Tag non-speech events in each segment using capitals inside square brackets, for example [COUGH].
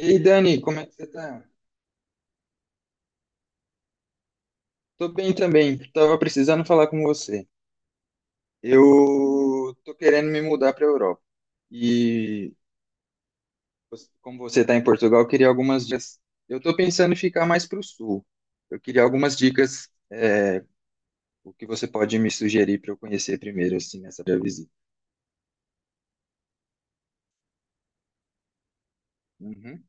E aí, Dani, como é que você tá? Tô bem também. Tava precisando falar com você. Eu tô querendo me mudar pra Europa. E Como você tá em Portugal, eu queria algumas dicas. Eu tô pensando em ficar mais pro sul. Eu queria algumas dicas, o que você pode me sugerir para eu conhecer primeiro, assim, nessa minha visita. Uhum,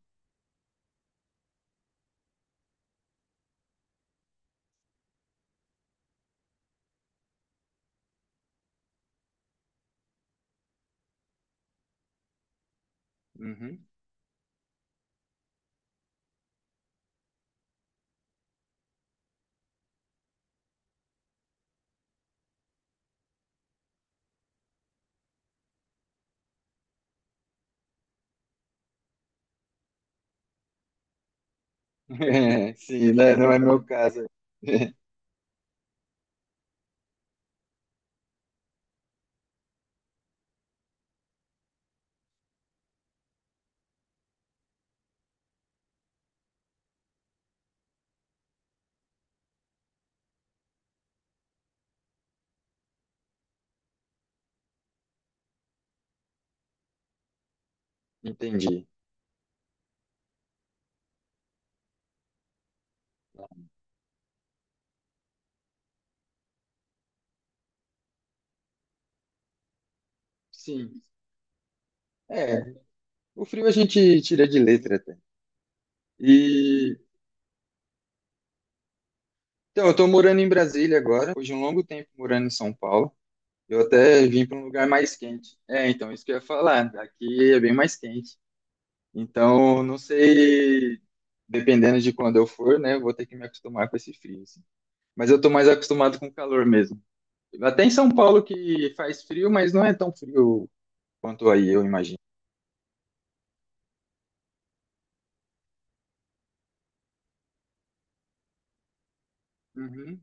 uhum. [LAUGHS] É, sim, né? Não é meu caso. [LAUGHS] Entendi. Sim. É, o frio a gente tira de letra até. E Então, eu tô morando em Brasília agora, depois de um longo tempo morando em São Paulo. Eu até vim para um lugar mais quente. É, então, isso que eu ia falar. Aqui é bem mais quente. Então, não sei, dependendo de quando eu for, né, eu vou ter que me acostumar com esse frio, assim. Mas eu tô mais acostumado com o calor mesmo. Até em São Paulo que faz frio, mas não é tão frio quanto aí, eu imagino. Uhum.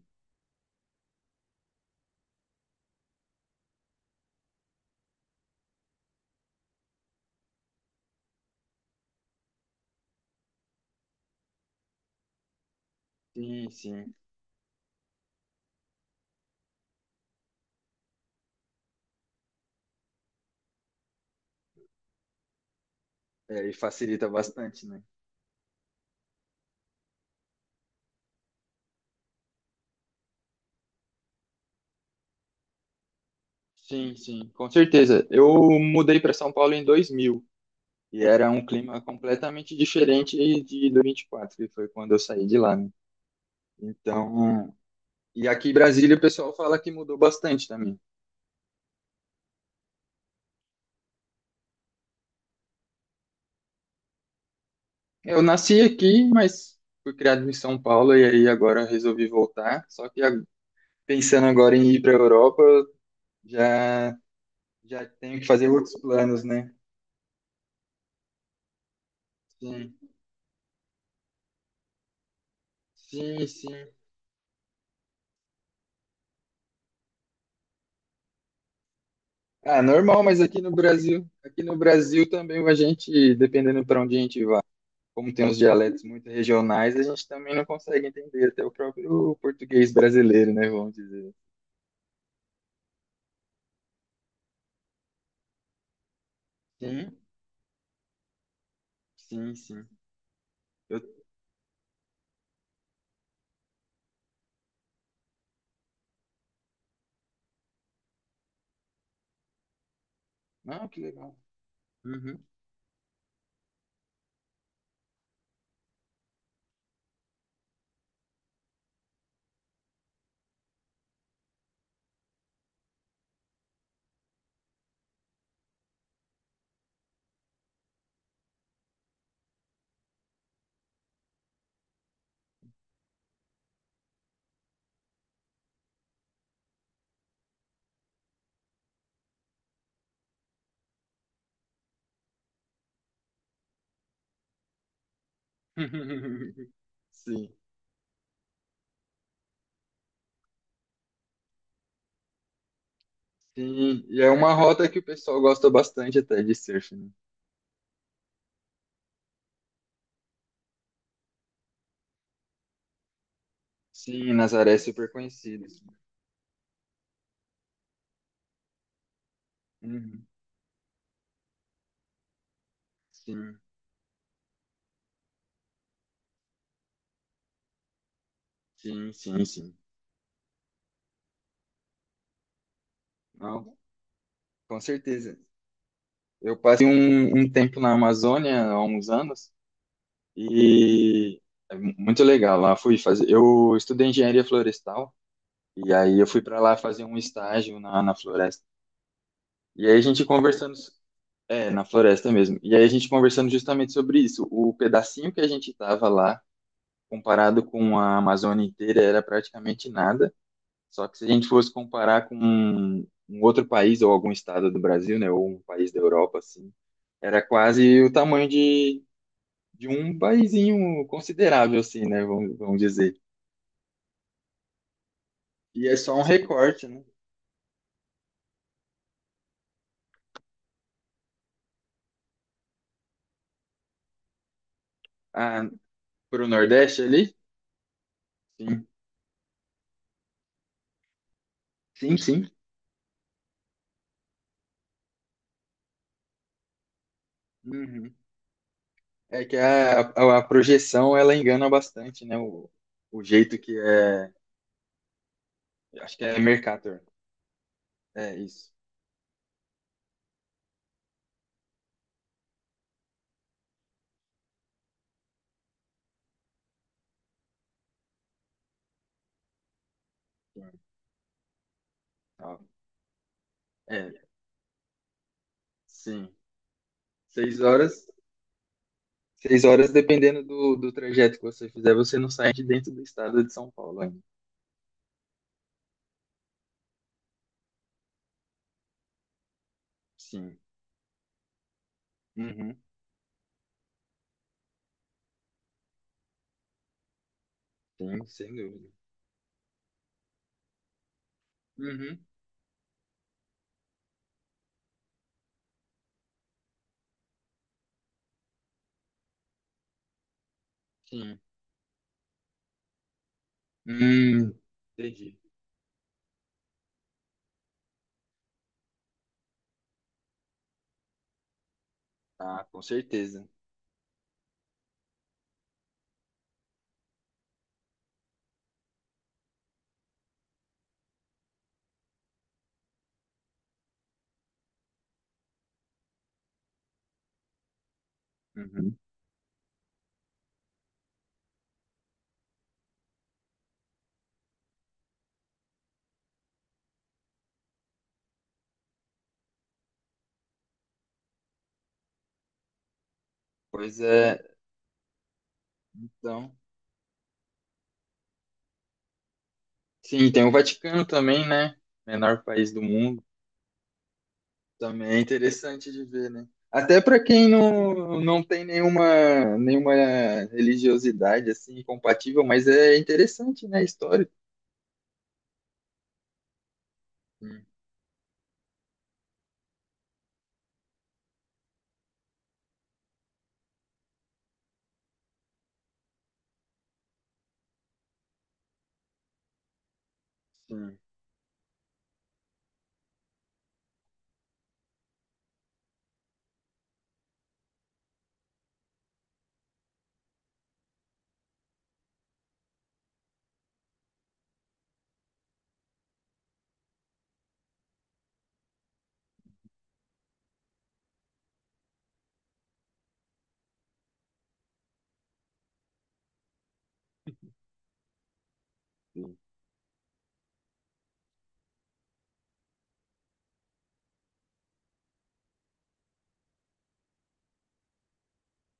Sim, sim. É, e facilita bastante, né? Sim, sim, com certeza. Eu mudei para São Paulo em 2000. E era um clima completamente diferente de do 24, que foi quando eu saí de lá, né? Então, e aqui em Brasília o pessoal fala que mudou bastante também. Eu nasci aqui, mas fui criado em São Paulo e aí agora resolvi voltar. Pensando agora em ir para a Europa, já já tenho que fazer outros planos, né? Sim, sim, sim. Ah, normal, mas aqui no Brasil também a gente, dependendo para onde a gente vai como tem uns dialetos muito regionais, a gente também não consegue entender até o próprio português brasileiro, né? Vamos dizer. Sim, sim, sim. Eu... Não, que legal. Uhum. [LAUGHS] Sim, sim. E é uma rota que o pessoal gosta bastante até de surf, né? Sim, Nazaré é super conhecido. Assim. Uhum. Sim, sim, sim, sim. Não, com certeza. Eu passei um tempo na Amazônia há uns anos. E é muito legal lá. Fui fazer. Eu estudei engenharia florestal e aí eu fui para lá fazer um estágio na, na floresta. E aí a gente conversando, é, na floresta mesmo. E aí a gente conversando justamente sobre isso. O pedacinho que a gente tava lá, comparado com a Amazônia inteira, era praticamente nada. Só que se a gente fosse comparar com um outro país ou algum estado do Brasil, né, ou um país da Europa, assim, era quase o tamanho de um paísinho considerável, assim, né? Vamos dizer. E é só um recorte, né? Ah, pro Nordeste ali? Sim, sim, sim. Uhum. É que a projeção ela engana bastante, né? O jeito que é. Acho que é Mercator. É isso. Tá. É, sim. Seis horas. Seis horas, dependendo do, do trajeto que você fizer, você não sai de dentro do estado de São Paulo ainda. Sim. Uhum. Sim, sem dúvida. Uhum. Sim. Hum, entendi. Ah, com certeza. Uhum. Pois é. Então, sim, tem o Vaticano também, né? Menor país do mundo. Também é interessante de ver, né? Até para quem não, não tem nenhuma, nenhuma religiosidade assim compatível, mas é interessante, né? Histórico. Sim, sim, sim.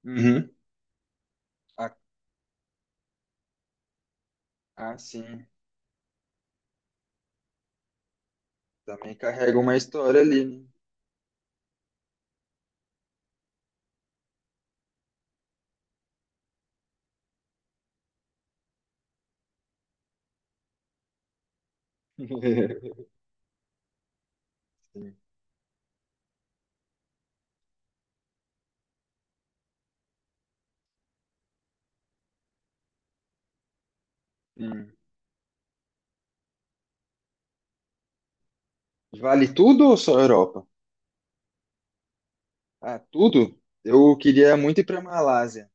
Uhum. Ah, ah, sim. Também carrega uma história ali, né? [LAUGHS] Sim. Hum. Vale tudo ou só Europa? Ah, tudo? Eu queria muito ir para Malásia.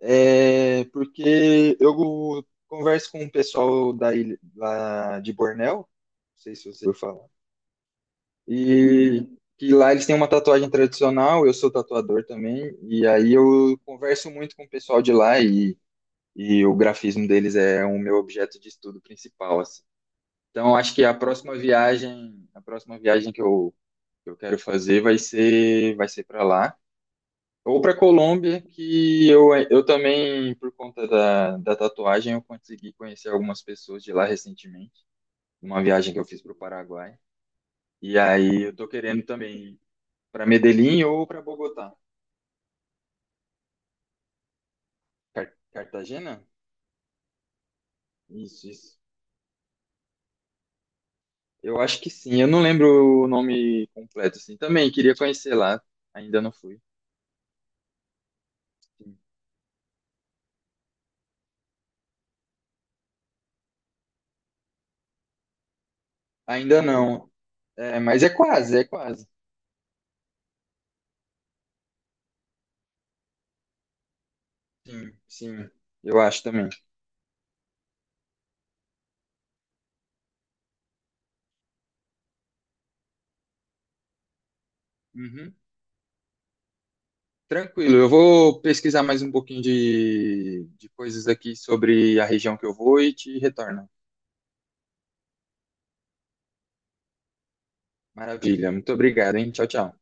É, porque eu converso com o pessoal da ilha, lá de Bornéu, não sei se você ouviu falar, e que lá eles têm uma tatuagem tradicional, eu sou tatuador também, e aí eu converso muito com o pessoal de lá e o grafismo deles é o meu objeto de estudo principal, assim. Então acho que a próxima viagem que eu quero fazer vai ser para lá. Ou para Colômbia, que eu também, por conta da, da tatuagem, eu consegui conhecer algumas pessoas de lá recentemente, numa viagem que eu fiz para o Paraguai. E aí eu tô querendo também para Medellín ou para Bogotá. Car- Cartagena? Isso, isso. Eu acho que sim, eu não lembro o nome completo, assim. Também queria conhecer lá, ainda não fui. Sim. Ainda não, é, mas é quase, é quase. Sim, sim, eu acho também. Uhum. Tranquilo, eu vou pesquisar mais um pouquinho de coisas aqui sobre a região que eu vou e te retorno. Maravilha, muito obrigado, hein? Tchau, tchau.